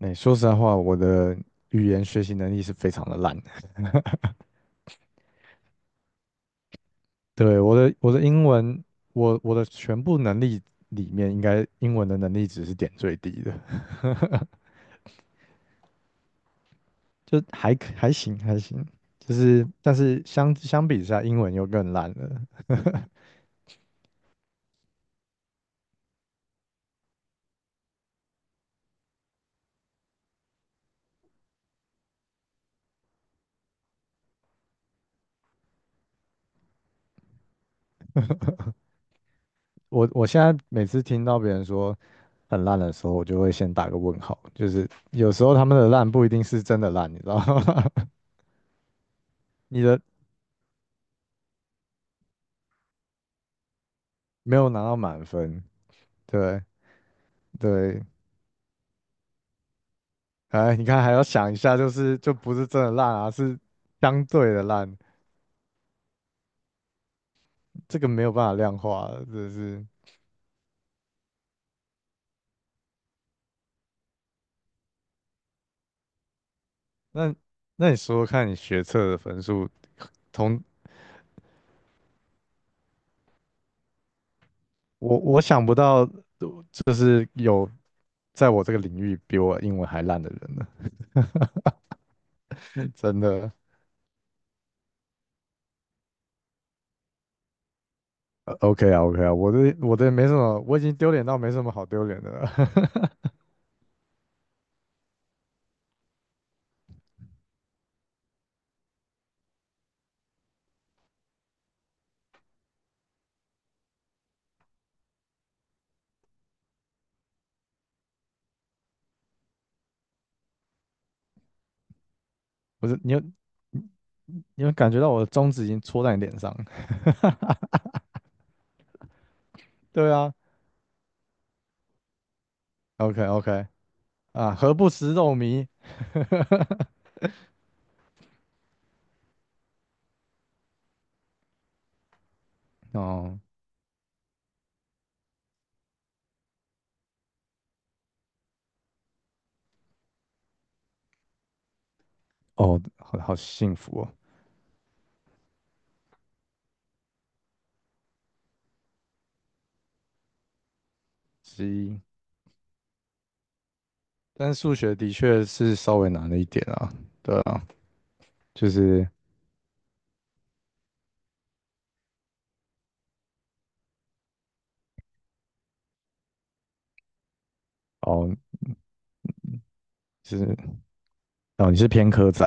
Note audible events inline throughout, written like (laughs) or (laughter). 哎，说实在话，我的语言学习能力是非常的烂。对，我的英文，我的全部能力里面，应该英文的能力值是点最低的，(laughs) 就还可还行还行。就是，但是相比之下，英文又更烂了。我现在每次听到别人说很烂的时候，我就会先打个问号。就是有时候他们的烂不一定是真的烂，你知道吗？(laughs) 你的没有拿到满分，对对，哎，你看还要想一下，就是就不是真的烂啊，是相对的烂，这个没有办法量化的，真的是。那那你说说看你学测的分数，同我想不到，就是有在我这个领域比我英文还烂的人呢，(laughs) 真的。OK 啊，OK 啊，我的没什么，我已经丢脸到没什么好丢脸的了。(laughs) 不是，你有你有感觉到我的中指已经戳在你脸上？(laughs) 对啊，OK OK 啊，何不食肉糜？哦，哦，好好幸福哦，之一。但数学的确是稍微难了一点啊，对啊，就是哦，就是哦，你是偏科仔，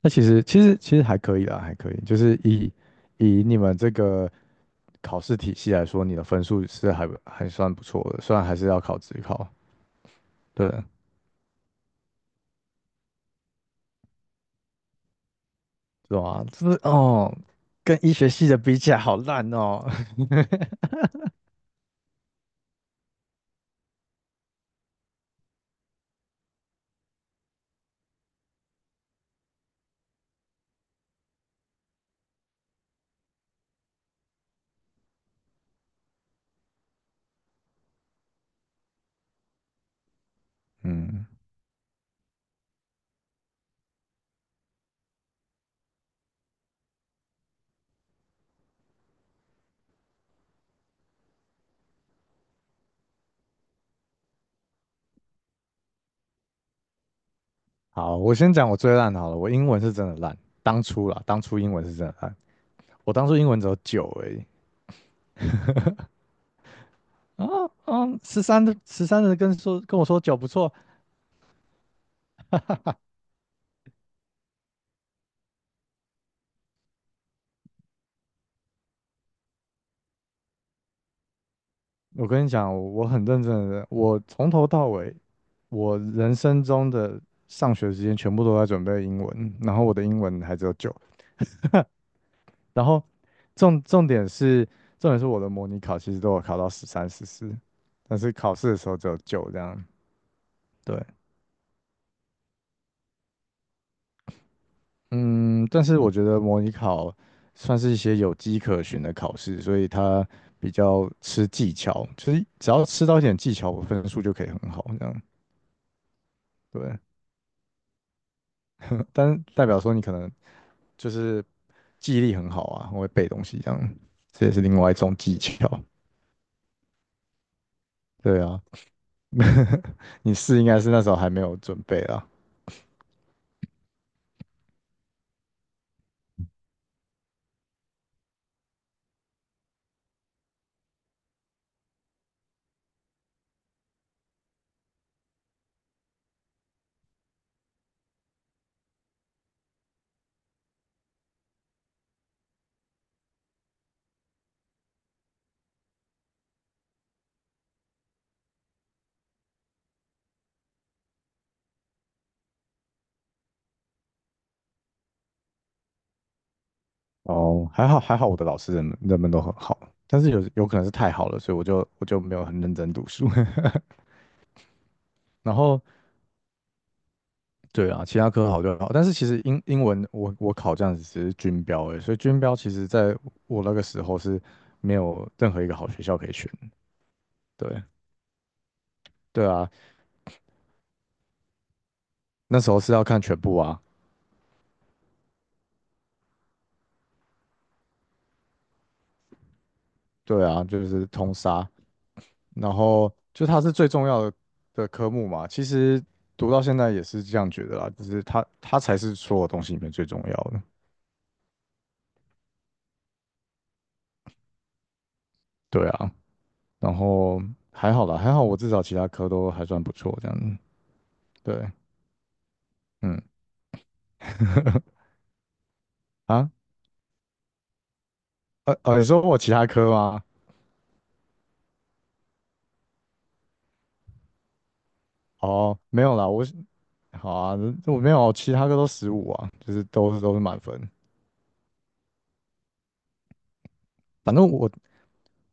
那其实还可以啦，还可以，就是以你们这个考试体系来说，你的分数是还不还算不错的，虽然还是要考职考，对，是吧？这是哦，跟医学系的比起来好烂哦。(laughs) 嗯，好，我先讲我最烂的好了，我英文是真的烂，当初啦，当初英文是真的烂。我当初英文只有九而已。啊啊，十三的跟说跟我说九不错，我跟你讲，我很认真的，我从头到尾，我人生中的上学时间全部都在准备英文，然后我的英文还只有九，然后重重点是重点是我的模拟考其实都有考到十三十四，但是考试的时候只有九这样，对，嗯，但是我觉得模拟考算是一些有迹可循的考试，所以它比较吃技巧，就是只要吃到一点技巧，我分数就可以很好，这样对。(laughs) 但是代表说你可能就是记忆力很好啊，很会背东西这样，这也是另外一种技巧。对啊，你是应该是那时候还没有准备啊。哦，还好还好，我的老师人们都很好。但是有可能是太好了，所以我就没有很认真读书。(laughs) 然后对啊，其他科好就好，但是其实英文我考这样子只是军标而已所以军标其实在我那个时候是没有任何一个好学校可以选对对啊，那时候是要看全部啊，对啊，就是通杀，然后就它是最重要的的科目嘛。其实读到现在也是这样觉得啦，就是它才是所有东西里面最重要的。对啊，然后还好啦，还好我至少其他科都还算不错这样子。对，嗯 (laughs) 啊。你说我其他科吗？哦，没有啦，我是好啊，我没有，其他科都十五啊，就是都是满分。反正我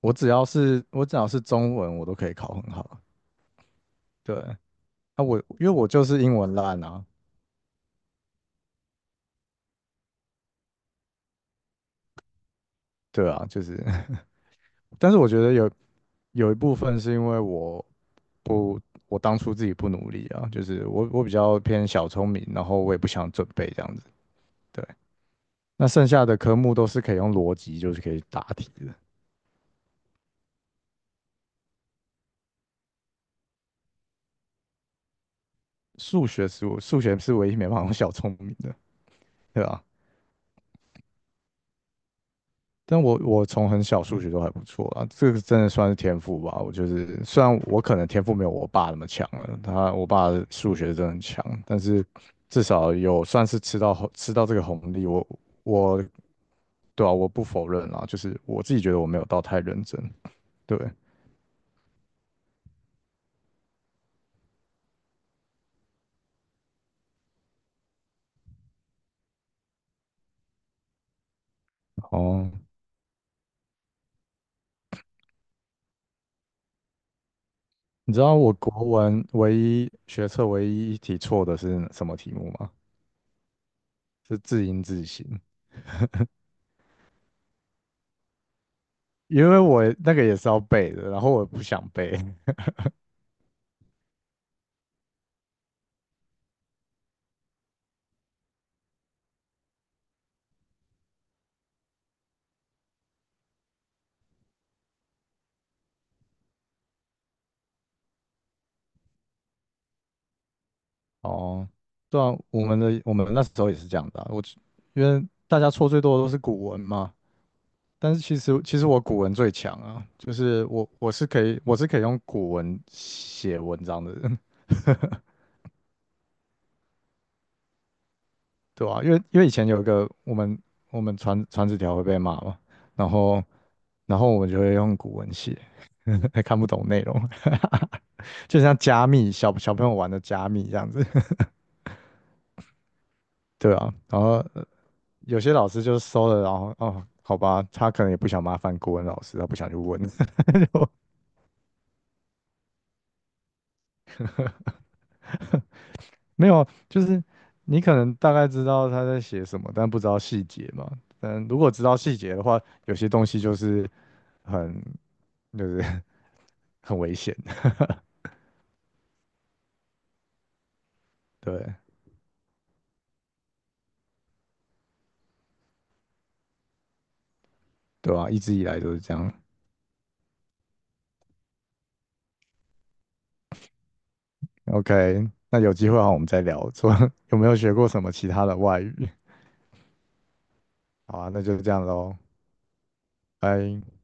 我只要是中文，我都可以考很好。对，啊我因为我就是英文烂啊，对啊，就是，(laughs) 但是我觉得有有一部分是因为我不我当初自己不努力啊，就是我比较偏小聪明，然后我也不想准备这样子。对，那剩下的科目都是可以用逻辑就是可以答题的。数学是唯一没办法用小聪明的，对吧？但我从很小数学都还不错啊，这个真的算是天赋吧。我就是虽然我可能天赋没有我爸那么强了，我爸数学真的很强，但是至少有算是吃到这个红利。我对啊，我不否认啦，就是我自己觉得我没有到太认真。对，哦，你知道我国文学测唯一一题错的是什么题目吗？是字音字形。因为我那个也是要背的，然后我不想背。(laughs) 哦，对啊，我们那时候也是这样的啊我因为大家错最多的都是古文嘛，但是其实我古文最强啊，就是我是可以用古文写文章的人，(laughs) 对啊，因为以前有一个我们传纸条会被骂嘛，然后然后我们就会用古文写，(laughs) 还看不懂内容，(laughs) 就像加密小朋友玩的加密这样子，(laughs) 对啊，然后。有些老师就收了，然后哦，好吧，他可能也不想麻烦国文老师，他不想去问。(laughs) 没有，就是你可能大概知道他在写什么，但不知道细节嘛。但如果知道细节的话，有些东西就是很就是 (laughs) 很危险对对啊，一直以来都是这样。OK,那有机会的话我们再聊，说 (laughs) 有没有学过什么其他的外语？好啊，那就是这样喽，拜。